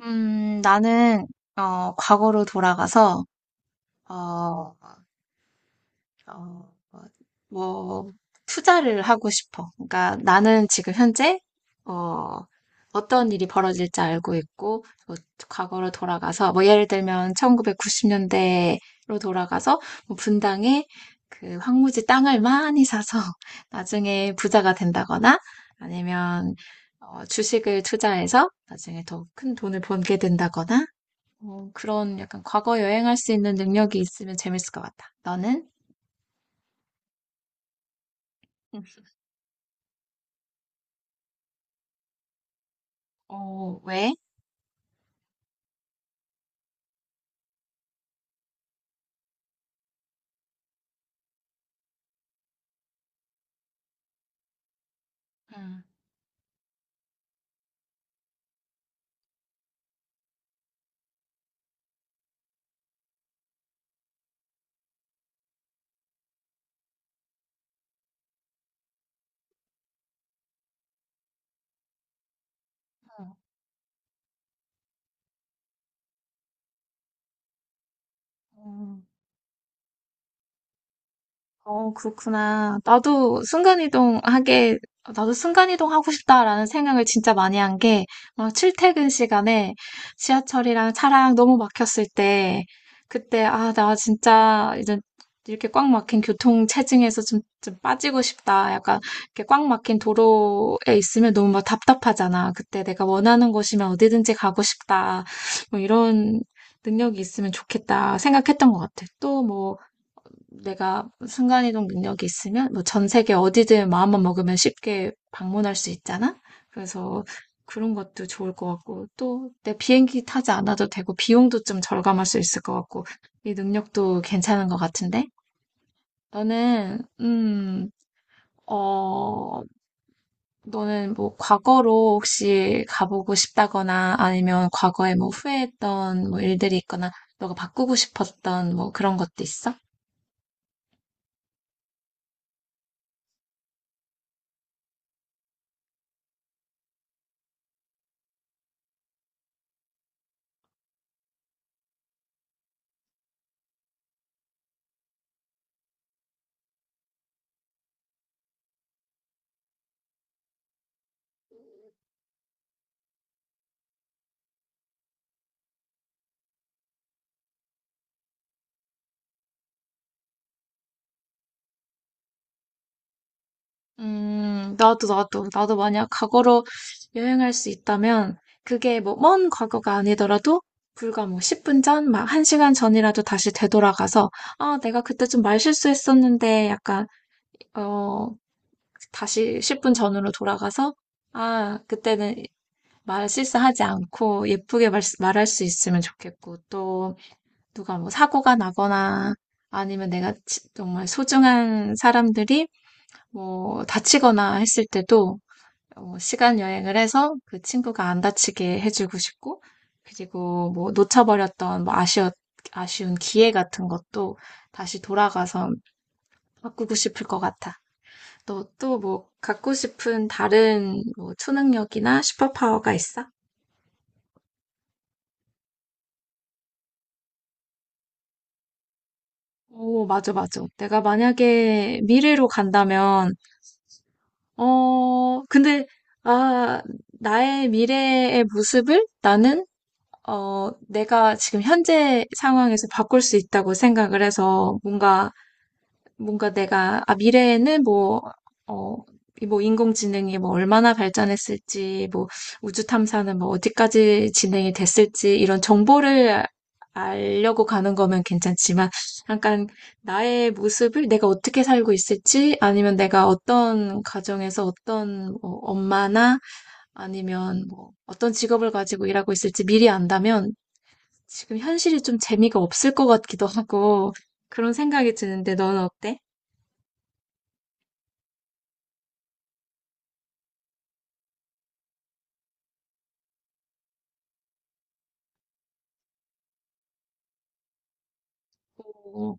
나는, 과거로 돌아가서, 어, 어, 뭐, 투자를 하고 싶어. 그러니까 나는 지금 현재, 어, 어떤 일이 벌어질지 알고 있고, 뭐, 과거로 돌아가서, 뭐, 예를 들면, 1990년대로 돌아가서, 뭐 분당에 그 황무지 땅을 많이 사서, 나중에 부자가 된다거나, 아니면, 주식을 투자해서 나중에 더 큰 돈을 벌게 된다거나, 그런 약간 과거 여행할 수 있는 능력이 있으면 재밌을 것 같다. 너는? 응. 왜? 응. 어, 그렇구나. 나도 순간이동 하고 싶다라는 생각을 진짜 많이 한 게, 출퇴근 시간에 지하철이랑 차랑 너무 막혔을 때, 그때, 아, 나 진짜 이제 이렇게 꽉 막힌 교통 체증에서 좀, 빠지고 싶다. 약간 이렇게 꽉 막힌 도로에 있으면 너무 막 답답하잖아. 그때 내가 원하는 곳이면 어디든지 가고 싶다. 뭐 이런 능력이 있으면 좋겠다 생각했던 것 같아. 또 뭐, 내가 순간이동 능력이 있으면 뭐 전 세계 어디든 마음만 먹으면 쉽게 방문할 수 있잖아. 그래서 그런 것도 좋을 것 같고 또 내 비행기 타지 않아도 되고 비용도 좀 절감할 수 있을 것 같고 이 능력도 괜찮은 것 같은데 너는 음, 어, 너는 뭐 과거로 혹시 가보고 싶다거나 아니면 과거에 뭐 후회했던 뭐 일들이 있거나 너가 바꾸고 싶었던 뭐 그런 것도 있어? 나도 만약 과거로 여행할 수 있다면, 그게 뭐, 먼 과거가 아니더라도, 불과 뭐, 10분 전, 막, 1시간 전이라도 다시 되돌아가서, 아, 내가 그때 좀 말실수했었는데, 약간, 어, 다시 10분 전으로 돌아가서, 아, 그때는 말실수하지 않고, 예쁘게 말할 수 있으면 좋겠고, 또, 누가 뭐, 사고가 나거나, 아니면 내가 정말 소중한 사람들이, 뭐, 다치거나 했을 때도, 시간 여행을 해서 그 친구가 안 다치게 해주고 싶고, 그리고 뭐 놓쳐버렸던 뭐 아쉬운 기회 같은 것도 다시 돌아가서 바꾸고 싶을 것 같아. 너 또 뭐 갖고 싶은 다른 뭐 초능력이나 슈퍼파워가 있어? 오, 맞아, 맞아. 내가 만약에 미래로 간다면, 근데, 아, 나의 미래의 모습을 나는 내가 지금 현재 상황에서 바꿀 수 있다고 생각을 해서 뭔가 내가, 아, 미래에는 뭐, 어, 이뭐 인공지능이 뭐 얼마나 발전했을지, 뭐 우주 탐사는 뭐 어디까지 진행이 됐을지 이런 정보를 알려고 가는 거면 괜찮지만 약간 나의 모습을 내가 어떻게 살고 있을지 아니면 내가 어떤 가정에서 어떤 뭐 엄마나 아니면 뭐 어떤 직업을 가지고 일하고 있을지 미리 안다면 지금 현실이 좀 재미가 없을 것 같기도 하고 그런 생각이 드는데 너는 어때? 오,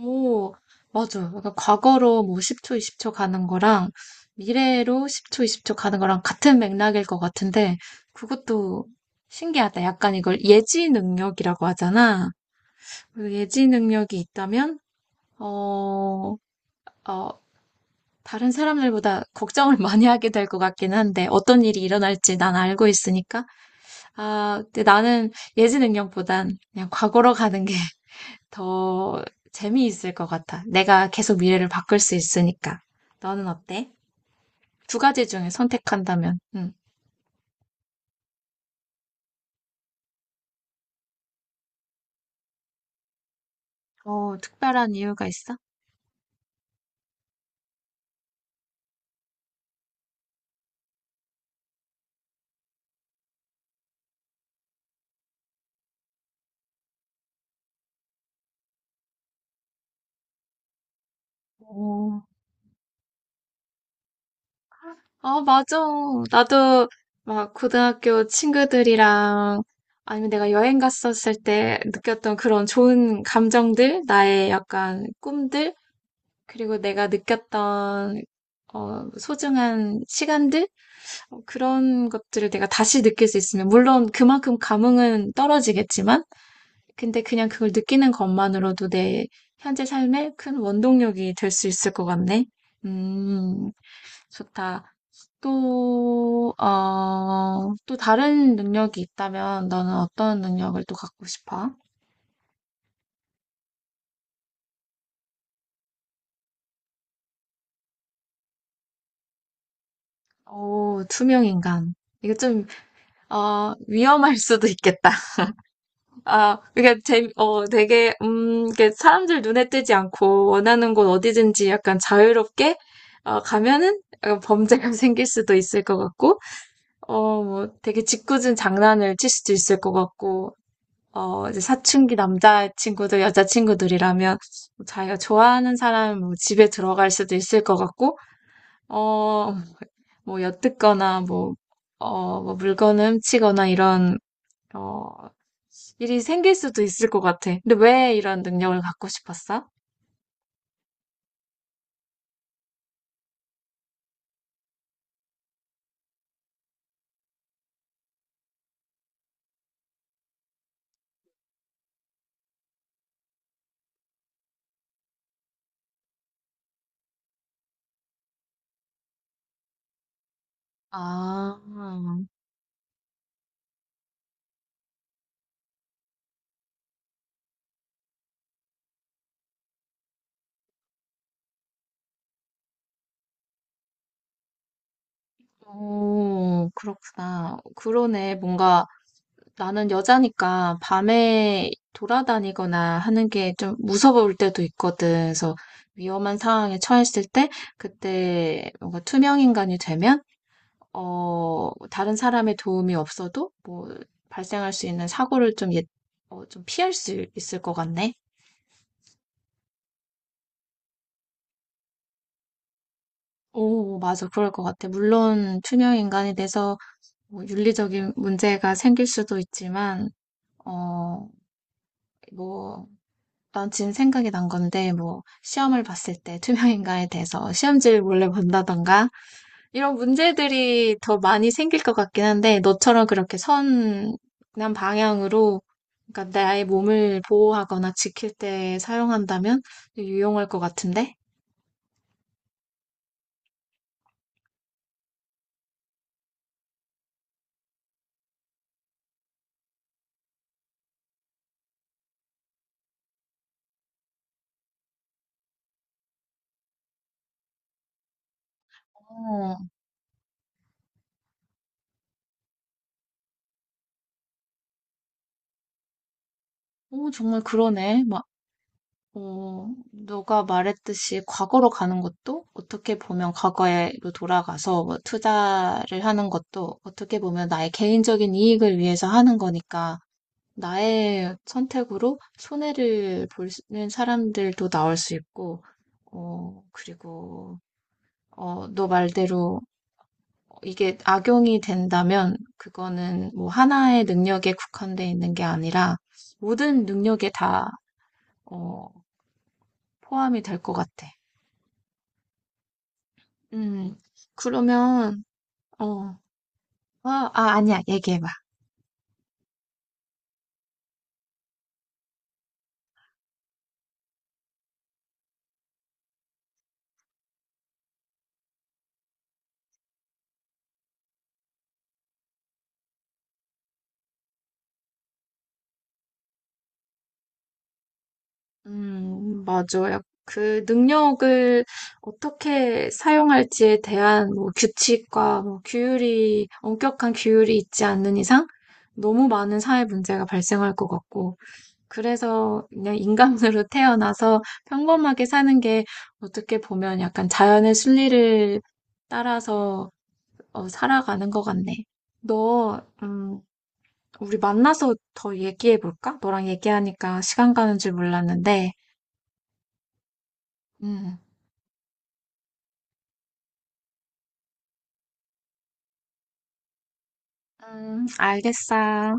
오, 맞아. 약간 과거로 뭐 10초, 20초 가는 거랑 미래로 10초, 20초 가는 거랑 같은 맥락일 것 같은데 그것도 신기하다. 약간 이걸 예지 능력이라고 하잖아. 그 예지 능력이 있다면 어, 어, 다른 사람들보다 걱정을 많이 하게 될 것 같긴 한데 어떤 일이 일어날지 난 알고 있으니까 아, 근데 나는 예지능력보단 그냥 과거로 가는 게 더 재미있을 것 같아. 내가 계속 미래를 바꿀 수 있으니까. 너는 어때? 두 가지 중에 선택한다면, 응. 특별한 이유가 있어? 어, 아, 맞아. 나도 막 고등학교 친구들이랑 아니면 내가 여행 갔었을 때 느꼈던 그런 좋은 감정들, 나의 약간 꿈들, 그리고 내가 느꼈던 소중한 시간들? 그런 것들을 내가 다시 느낄 수 있으면, 물론 그만큼 감흥은 떨어지겠지만, 근데 그냥 그걸 느끼는 것만으로도 내 현재 삶에 큰 원동력이 될 수 있을 것 같네. 음, 좋다. 또, 또 다른 능력이 있다면 너는 어떤 능력을 또 갖고 싶어? 오, 투명 인간. 이거 좀, 위험할 수도 있겠다. 아, 그게 되게, 이게 사람들 눈에 띄지 않고 원하는 곳 어디든지 약간 자유롭게, 가면은 약간 범죄가 생길 수도 있을 것 같고, 뭐 되게 짓궂은 장난을 칠 수도 있을 것 같고, 이제 사춘기 남자친구들, 여자친구들이라면 뭐 자기가 좋아하는 사람 뭐 집에 들어갈 수도 있을 것 같고, 어, 뭐 엿듣거나 뭐, 뭐 물건을 훔치거나 이런 어, 일이 생길 수도 있을 것 같아. 근데 왜 이런 능력을 갖고 싶었어? 아, 오, 그렇구나. 그러네. 뭔가 나는 여자니까 밤에 돌아다니거나 하는 게 좀 무서울 때도 있거든. 그래서 위험한 상황에 처했을 때, 그때 뭔가 투명 인간이 되면, 다른 사람의 도움이 없어도 뭐 발생할 수 있는 사고를 좀, 예, 좀 피할 수 있을 것 같네. 오, 맞아. 그럴 것 같아. 물론, 투명 인간이 돼서 뭐 윤리적인 문제가 생길 수도 있지만, 어, 뭐, 난 지금 생각이 난 건데, 뭐, 시험을 봤을 때 투명 인간이 돼서 시험지를 몰래 본다던가, 이런 문제들이 더 많이 생길 것 같긴 한데, 너처럼 그렇게 선한 방향으로, 그러니까 나의 몸을 보호하거나 지킬 때 사용한다면 유용할 것 같은데? 어, 오, 정말 그러네. 너가 말했듯이 과거로 가는 것도 어떻게 보면 과거로 돌아가서 뭐 투자를 하는 것도 어떻게 보면 나의 개인적인 이익을 위해서 하는 거니까 나의 선택으로 손해를 보는 사람들도 나올 수 있고, 그리고, 너 말대로 이게 악용이 된다면 그거는 뭐 하나의 능력에 국한돼 있는 게 아니라 모든 능력에 다, 어, 포함이 될 것 같아. 음, 그러면, 어, 아니야, 얘기해봐. 맞아요. 그 능력을 어떻게 사용할지에 대한 뭐 규칙과 뭐 규율이, 엄격한 규율이 있지 않는 이상 너무 많은 사회 문제가 발생할 것 같고, 그래서 그냥 인간으로 태어나서 평범하게 사는 게 어떻게 보면 약간 자연의 순리를 따라서 살아가는 것 같네. 너, 음, 우리 만나서 더 얘기해 볼까? 너랑 얘기하니까 시간 가는 줄 몰랐는데. 음, 알겠어.